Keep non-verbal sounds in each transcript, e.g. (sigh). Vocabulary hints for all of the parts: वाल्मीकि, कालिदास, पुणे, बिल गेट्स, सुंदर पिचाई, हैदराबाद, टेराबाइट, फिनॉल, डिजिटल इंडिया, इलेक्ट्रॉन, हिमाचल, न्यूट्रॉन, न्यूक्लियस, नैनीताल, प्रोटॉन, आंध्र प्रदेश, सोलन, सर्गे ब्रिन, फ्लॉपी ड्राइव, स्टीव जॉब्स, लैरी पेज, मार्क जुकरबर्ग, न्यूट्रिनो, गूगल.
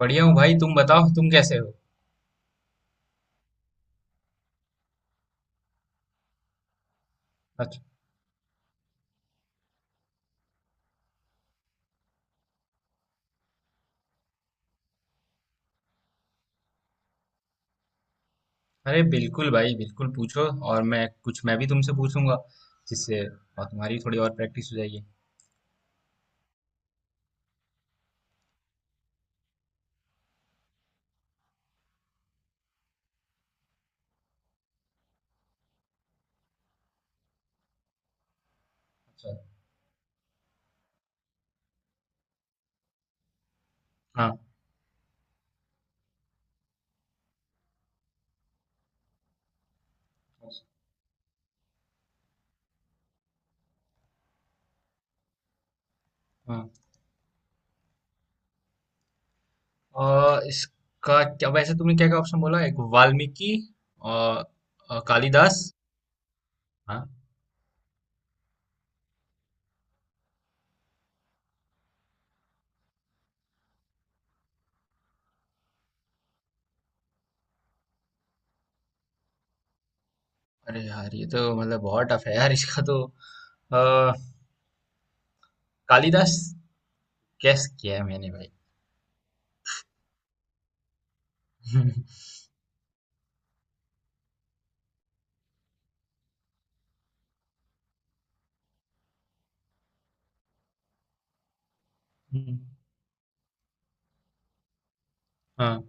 बढ़िया हूँ भाई, तुम बताओ तुम कैसे हो। अच्छा। अरे बिल्कुल भाई, बिल्कुल पूछो। और मैं भी तुमसे पूछूंगा, जिससे और तुम्हारी थोड़ी और प्रैक्टिस हो जाएगी। अच्छा। हाँ, हाँ। और इसका क्या, वैसे तुमने क्या क्या ऑप्शन बोला? एक, वाल्मीकि और, और कालिदास। हाँ। अरे यार, ये तो मतलब बहुत टफ है यार, इसका तो अ, कालिदास कैस किया है मैंने भाई। (laughs) हम्म, हाँ।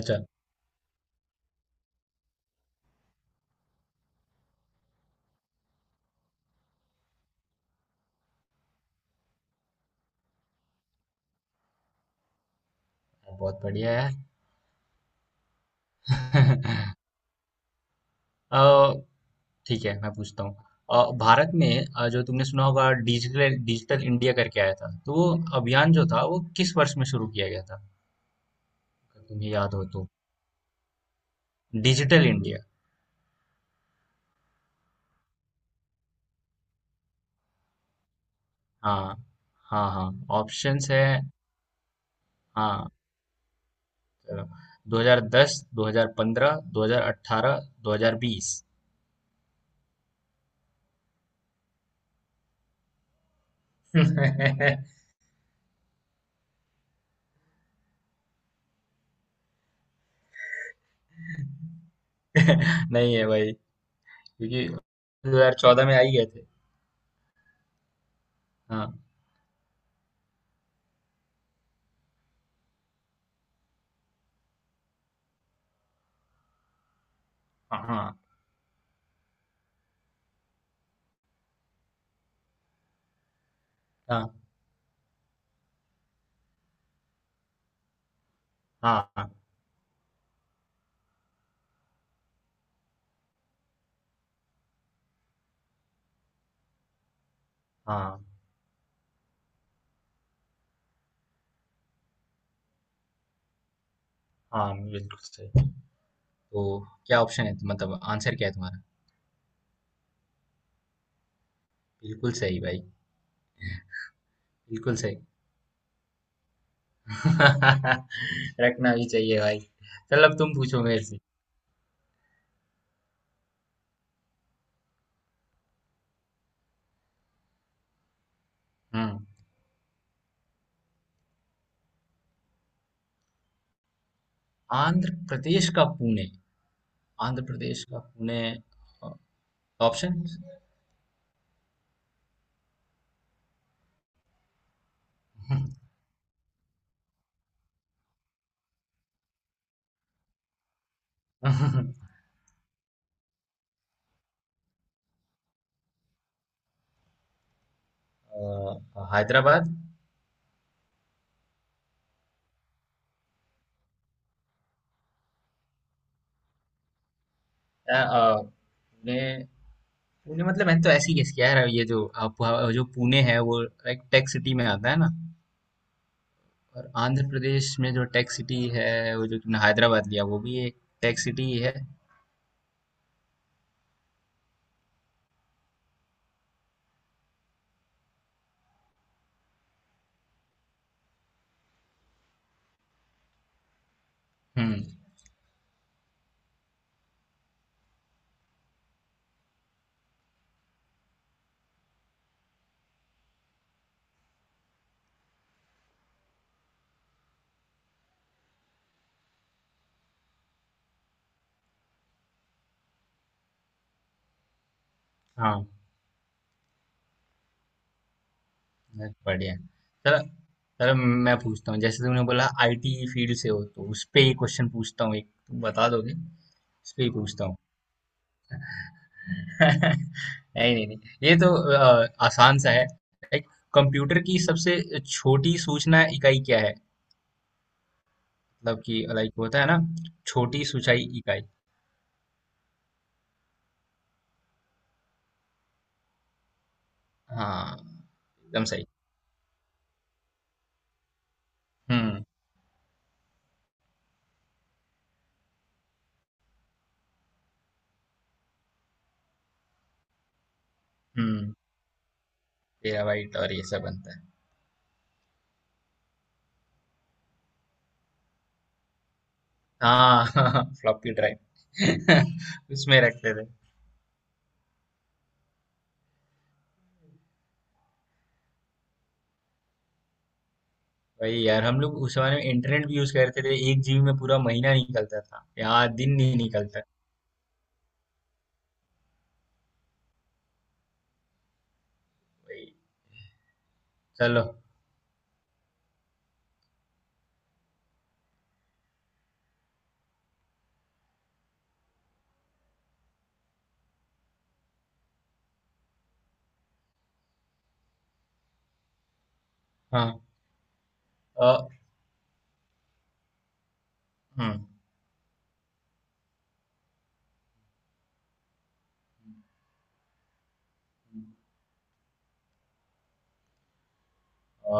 अच्छा, बहुत बढ़िया यार। (laughs) अ, ठीक है, मैं पूछता हूँ। भारत में जो तुमने सुना होगा, डिजिटल डिजिटल इंडिया करके आया था, तो वो अभियान जो था वो किस वर्ष में शुरू किया गया था, अगर तुम्हें याद हो तो? डिजिटल इंडिया। हाँ, हाँ, हाँ। ऑप्शंस है। हाँ। अ, 2010, 2015, 2018, 2020। (laughs) नहीं। है भाई, क्योंकि 2014 में आ ही गए थे। हाँ, हाँ, हाँ, हाँ, हाँ, हाँ, हाँ, बिल्कुल सही। तो क्या ऑप्शन है? मतलब आंसर क्या है तुम्हारा? बिल्कुल सही भाई, बिल्कुल सही। (laughs) रखना भी चाहिए भाई। चल, अब तुम पूछो मेरे से। हम्म। आंध्र प्रदेश का पुणे? आंध्र प्रदेश का पुणे? ऑप्शन? (laughs) हैदराबाद। पुणे। पुणे मतलब मैंने तो ऐसे ही गेस किया है, ये जो जो पुणे है वो एक टेक सिटी में आता है ना। और आंध्र प्रदेश में जो टेक सिटी है वो जो तुमने हैदराबाद लिया वो भी एक टेक सिटी ही है। हुँ, हाँ, बहुत बढ़िया। चलो। चलो, मैं पूछता हूँ, जैसे तुमने बोला आईटी फील्ड से हो, तो उसपे ही क्वेश्चन पूछता हूँ एक, तुम बता दोगे? उसपे ही पूछता हूँ। (laughs) नहीं, नहीं, नहीं, ये तो आसान सा है। लाइक, कंप्यूटर की सबसे छोटी सूचना इकाई क्या है? मतलब कि लाइक होता है ना, छोटी सूचाई इकाई। हाँ, एकदम सही। हुँ, हुँ, टेराबाइट और ये सब बनता है। हाँ। (laughs) फ्लॉपी ड्राइव (laughs) उसमें रखते थे। वही यार, हम लोग उस जमाने में इंटरनेट भी यूज करते थे, एक जीबी में पूरा महीना निकलता था यार, दिन नहीं निकलता। वही। चलो। हाँ। अ, हम्म अ,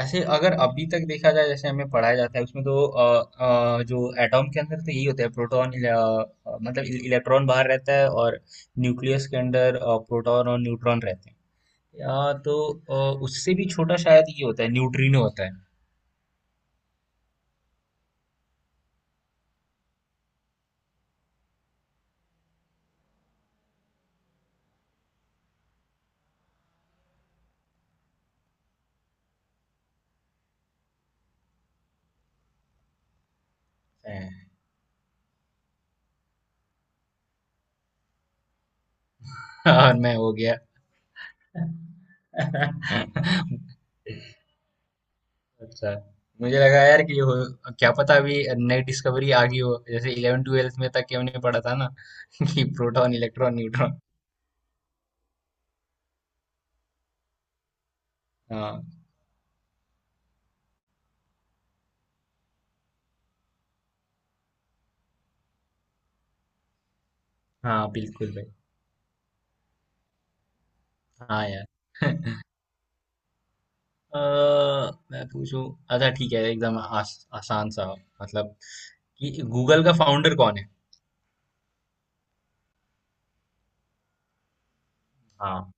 ऐसे अगर अभी तक देखा जाए, जैसे हमें पढ़ाया जाता है उसमें तो जो एटॉम के अंदर तो यही होता है, प्रोटॉन। मतलब इलेक्ट्रॉन बाहर रहता है, और न्यूक्लियस के अंदर प्रोटॉन और न्यूट्रॉन रहते हैं। या तो अ, उससे भी छोटा शायद ये होता है, न्यूट्रिनो होता है। (laughs) और मैं हो गया। अच्छा, मुझे लगा यार कि हो, क्या पता अभी नई डिस्कवरी आ गई हो, जैसे 11 ट्वेल्थ में तक कि हमने पढ़ा था ना, (laughs) कि प्रोटॉन, इलेक्ट्रॉन, न्यूट्रॉन। हाँ, हाँ, बिल्कुल भाई। हाँ यार। (laughs) अ, मैं पूछूं? अच्छा, ठीक है, एकदम आसान सा, मतलब कि गूगल का फाउंडर कौन है? हाँ।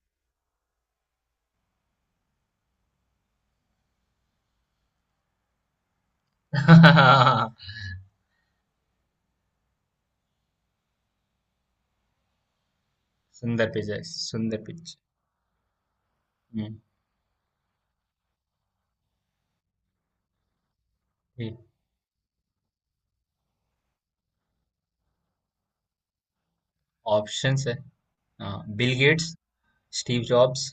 (laughs) सुंदर पिचाई, सुंदर पिचाई। हम्म। ठीक। ऑप्शंस है। हाँ, बिल गेट्स, स्टीव जॉब्स,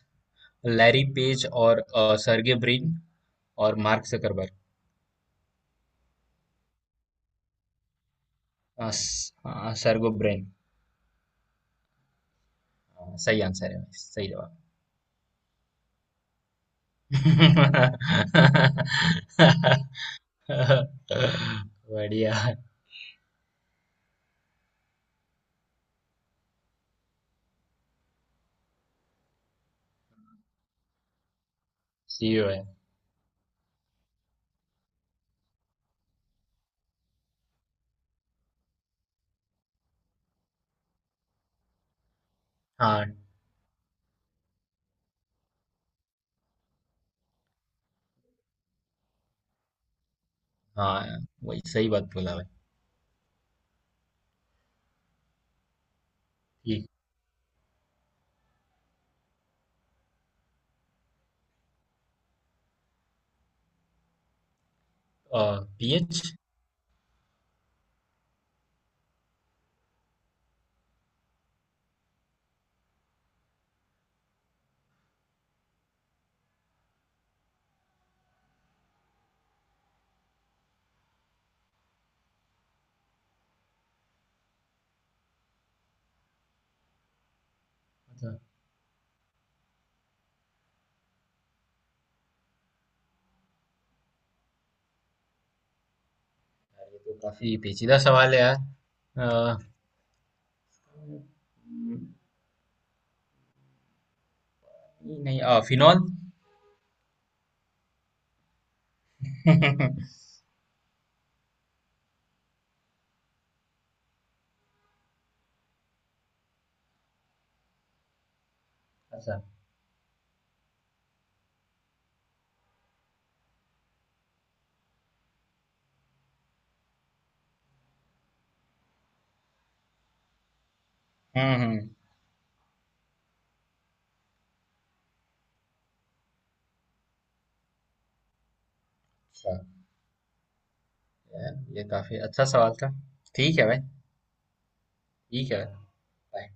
लैरी पेज और सर्गे ब्रिन और मार्क जुकरबर्ग। सर्गो ब्रिन। सही आंसर है, सही जवाब। (laughs) बढ़िया। सीओ है। हाँ, हाँ, वही सही बात बोला भाई। ठीक। पीएच ये। तो काफी पेचीदा सवाल है यार। अ, नहीं, फिनॉल। (laughs) अच्छा। हम्म, हम्म। अच्छा। यार, ये काफी अच्छा सवाल था। ठीक है भाई। ठीक है। बाय।